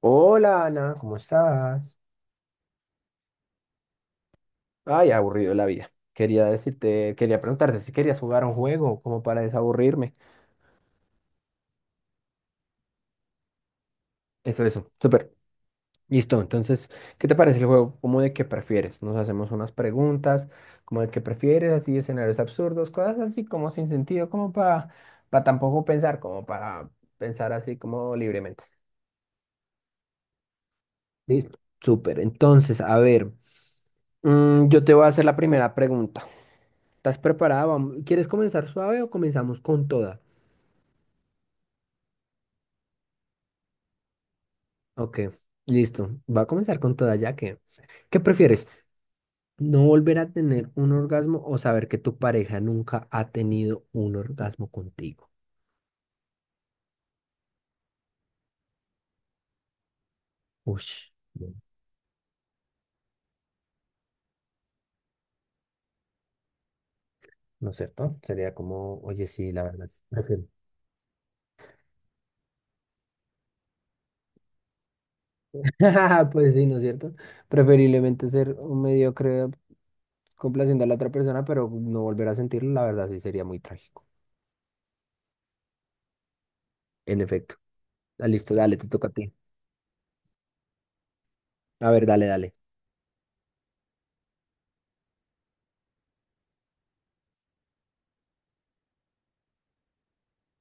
Hola Ana, ¿cómo estás? Ay, aburrido la vida. Quería preguntarte si querías jugar a un juego como para desaburrirme. Eso, súper. Listo, entonces, ¿qué te parece el juego? ¿Cómo de qué prefieres? Nos hacemos unas preguntas, como de qué prefieres, así escenarios absurdos, cosas así como sin sentido, como para tampoco pensar, como para pensar así como libremente. Listo. Súper, entonces, a ver, yo te voy a hacer la primera pregunta. ¿Estás preparada? ¿Quieres comenzar suave o comenzamos con toda? Ok, listo. Va a comenzar con toda ya que... ¿Qué prefieres? ¿No volver a tener un orgasmo o saber que tu pareja nunca ha tenido un orgasmo contigo? Ush, no, ¿no es cierto? Sería como, oye, sí, la verdad. Prefiero- Pues sí, ¿no es cierto? Preferiblemente ser un mediocre complaciendo a la otra persona, pero no volver a sentirlo, la verdad sí sería muy trágico. En efecto. Ah, listo, dale, te toca a ti. A ver, dale, dale.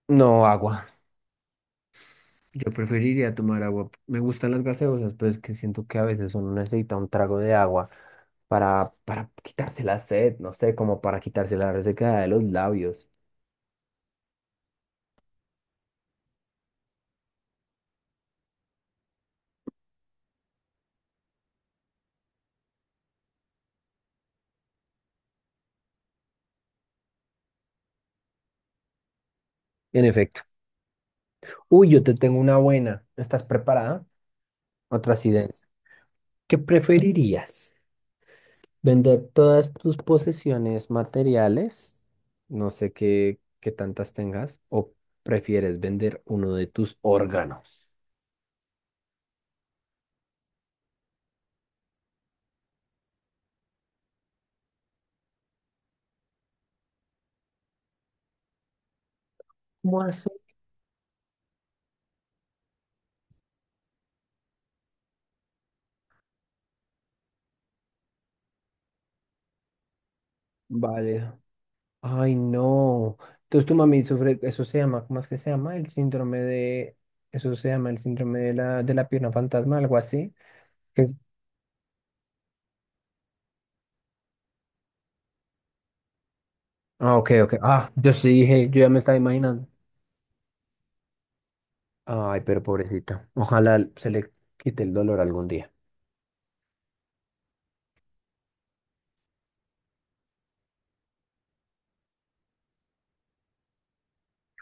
No, agua. Yo preferiría tomar agua. Me gustan las gaseosas, pero es que siento que a veces uno necesita un trago de agua para, quitarse la sed, no sé, como para quitarse la resequedad de los labios. En efecto. Uy, yo te tengo una buena. ¿Estás preparada? Otra así densa. ¿Qué preferirías? ¿Vender todas tus posesiones materiales? No sé qué, qué tantas tengas. ¿O prefieres vender uno de tus órganos? ¿Cómo así? Vale. Ay, no. Entonces tu mami sufre, eso se llama, ¿cómo es que se llama? El síndrome de, eso se llama el síndrome de la pierna fantasma, algo así. que es- Ah, ok, ok. Ah, yo sí dije, yo ya me estaba imaginando. Ay, pero pobrecita. Ojalá se le quite el dolor algún día.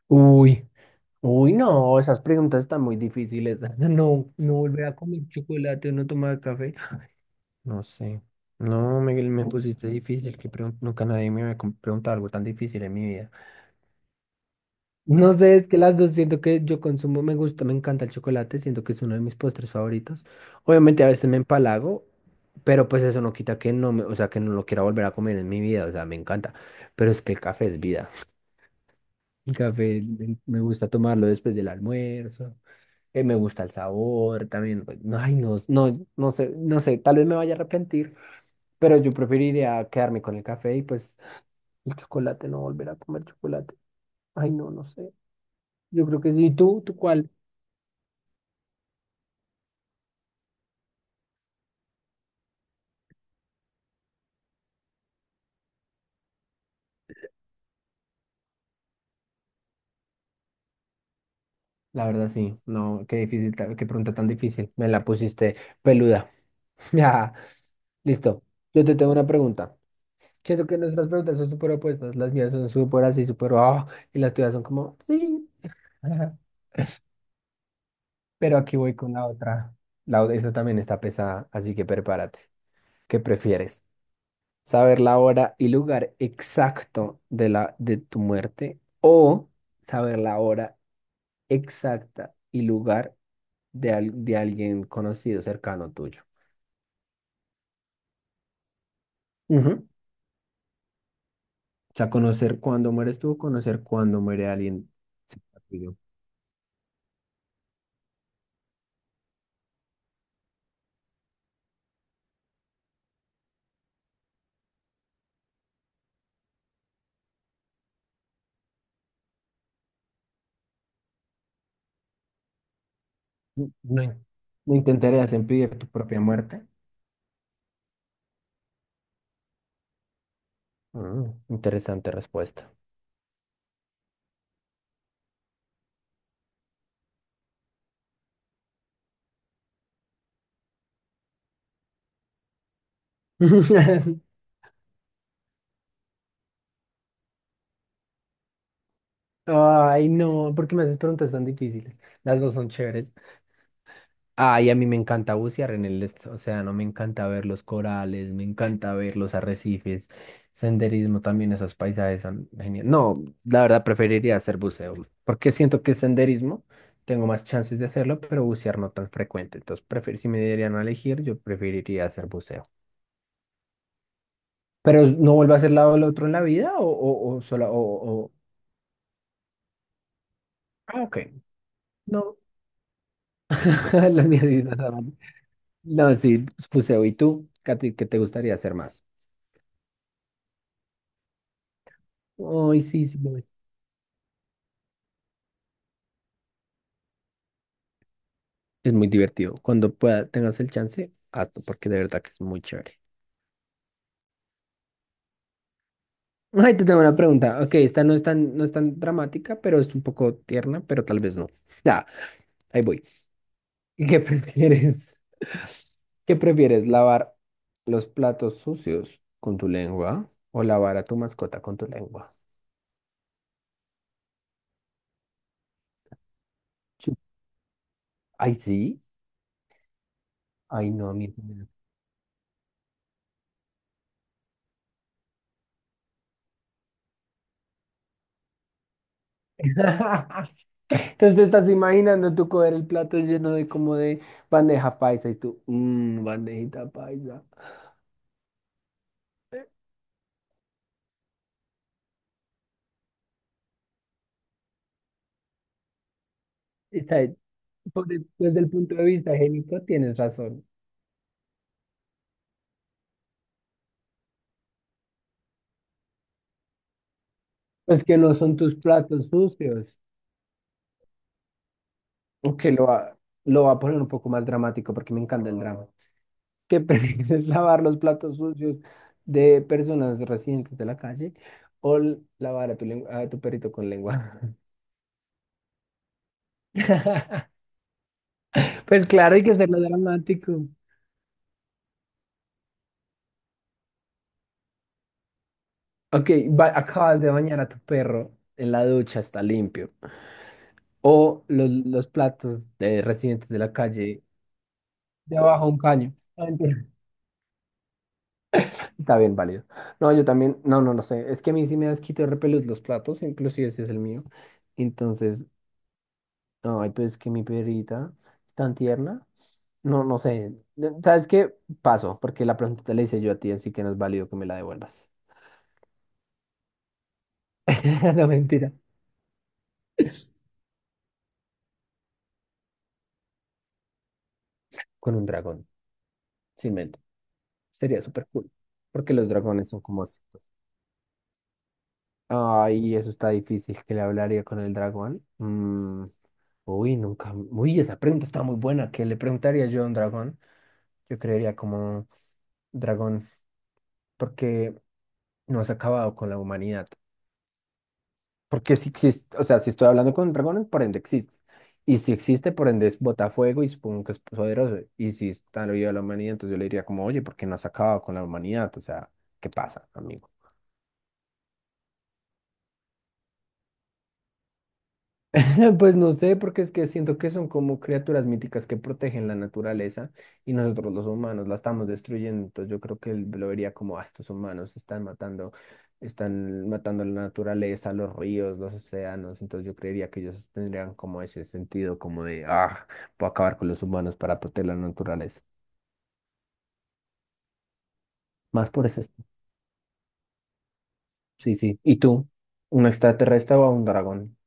Uy, no, esas preguntas están muy difíciles. No, no volver a comer chocolate o no tomar café. No sé. No, Miguel, me pusiste difícil, nunca nadie me había preguntado algo tan difícil en mi vida. No sé, es que las dos siento que yo consumo, me gusta, me encanta el chocolate, siento que es uno de mis postres favoritos. Obviamente a veces me empalago, pero pues eso no quita que no me, o sea, que no lo quiera volver a comer en mi vida, o sea, me encanta. Pero es que el café es vida. El café me gusta tomarlo después del almuerzo, me gusta el sabor también. Pues, no, ay, no sé, tal vez me vaya a arrepentir, pero yo preferiría quedarme con el café y pues el chocolate, no volver a comer chocolate. Ay, no, no sé. Yo creo que sí. ¿Y tú? ¿Tú cuál? La verdad sí, no, qué difícil, qué pregunta tan difícil, me la pusiste peluda. Ya, listo, yo te tengo una pregunta. Siento que nuestras preguntas son súper opuestas, las mías son súper así, súper, ah, y las tuyas son como, sí. Pero aquí voy con la otra. Esta también está pesada, así que prepárate. ¿Qué prefieres? ¿Saber la hora y lugar exacto de tu muerte o saber la hora exacta y lugar de, de alguien conocido, cercano tuyo? Ujú. O sea, conocer cuándo mueres tú, conocer cuándo muere alguien cerca tuyo. No, no in- no intentarías impedir tu propia muerte. Mm, interesante respuesta. Ay, no, ¿por qué me haces preguntas tan difíciles? Las dos son chéveres. Ay, a mí me encanta bucear en el océano, me encanta ver los corales, me encanta ver los arrecifes, senderismo también, esos paisajes son geniales. No, la verdad preferiría hacer buceo, porque siento que senderismo tengo más chances de hacerlo, pero bucear no tan frecuente. Entonces, si me dieran a elegir, yo preferiría hacer buceo. Pero no vuelvo a hacer lado del otro en la vida o solo Ah, ok. No, las mías sí son- No, sí, buceo. ¿Y tú, Katy, qué te gustaría hacer más? Ay, sí, sí. Es muy divertido. Cuando pueda, tengas el chance, hazlo, porque de verdad que es muy chévere. Ay, te tengo una pregunta. Ok, esta no es tan, no es tan dramática, pero es un poco tierna, pero tal vez no. Ya, ahí voy. ¿Qué prefieres? ¿Qué prefieres? ¿Lavar los platos sucios con tu lengua o lavar a tu mascota con tu lengua? Chu- Ay, sí. Ay, no, a mí. Eso me da- pena. Entonces te estás imaginando tú coger el plato lleno de bandeja paisa y tú, mmm, bandejita paisa. Está bien. Desde el punto de vista higiénico tienes razón. Pues que no son tus platos sucios. Que lo va, lo va a poner un poco más dramático porque me encanta el drama. ¿Que prefieres lavar los platos sucios de personas residentes de la calle o lavar a tu, a tu perrito con lengua? Pues claro, hay que hacerlo dramático. Ok, acabas de bañar a tu perro en la ducha, está limpio. O los platos de residentes de la calle debajo de un caño. Está bien válido. No, yo también, no sé. Es que a mí sí me da asquito de repelús los platos, inclusive ese es el mío. Entonces, no, ay, pero es que mi perrita es tan tierna. No, no sé. ¿Sabes qué? Paso, porque la pregunta le la hice yo a ti, así que no es válido que me la devuelvas. No, mentira. Con un dragón, sin mente. Sería súper cool. Porque los dragones son como así. Ay, eso está difícil, que le hablaría con el dragón. Mm, uy, nunca. Uy, esa pregunta está muy buena. ¿Qué le preguntaría yo a un dragón? Yo creería como dragón, porque no has acabado con la humanidad. Porque si existe, o sea, si estoy hablando con un dragón, por ende existe. Y si existe, por ende es botafuego y supongo que es poderoso. Y si está lo vivo de la humanidad, entonces yo le diría como, oye, ¿por qué no has acabado con la humanidad? O sea, ¿qué pasa, amigo? Pues no sé, porque es que siento que son como criaturas míticas que protegen la naturaleza y nosotros los humanos la estamos destruyendo. Entonces yo creo que él lo vería como, ah, estos humanos están matando la naturaleza, los ríos, los océanos. Entonces yo creería que ellos tendrían como ese sentido como de, ah, puedo acabar con los humanos para proteger la naturaleza. Más por eso. Sí, sí. ¿Y tú? ¿Un extraterrestre o un dragón?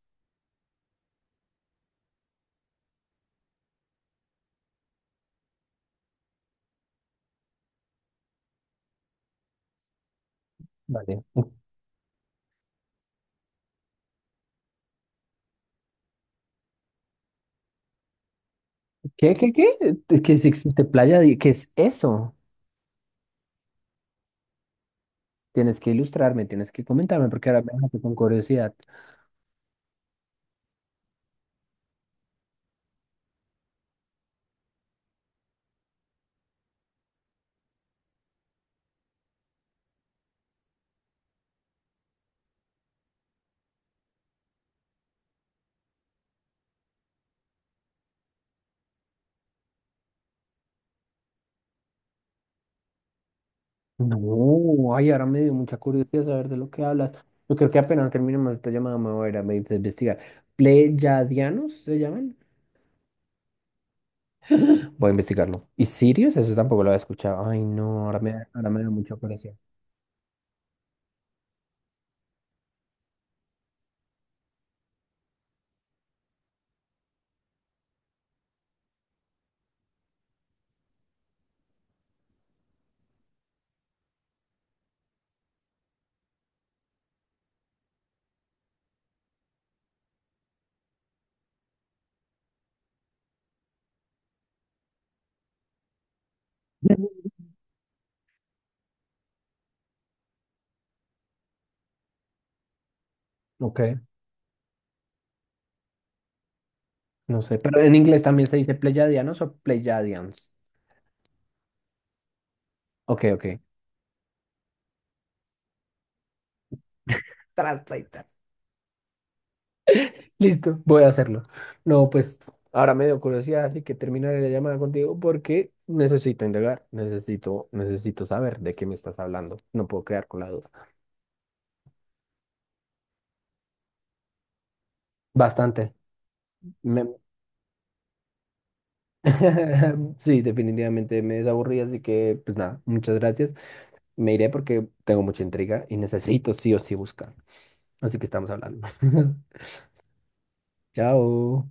Vale. ¿Qué, qué, qué? ¿Qué que es existe playa? ¿Qué es eso? Tienes que ilustrarme, tienes que comentarme, porque ahora me dejaste con curiosidad. No, ay, ahora me dio mucha curiosidad saber de lo que hablas. Yo creo que apenas terminemos esta llamada me voy a ir a investigar. ¿Pleyadianos se llaman? Voy a investigarlo. ¿Y Sirius? Eso tampoco lo había escuchado. Ay, no, ahora me dio mucha curiosidad. Ujú. Ok, no sé, pero en inglés también se dice Pleyadianos o Pleyadians. Ok, ok. Translator. Listo, voy a hacerlo. No, pues ahora me dio curiosidad, así que terminaré la llamada contigo porque necesito indagar, necesito saber de qué me estás hablando. No puedo quedar con la duda. Bastante. Me- Sí, definitivamente me desaburrí, así que pues nada, muchas gracias. Me iré porque tengo mucha intriga y necesito sí o sí buscar. Así que estamos hablando. Chao.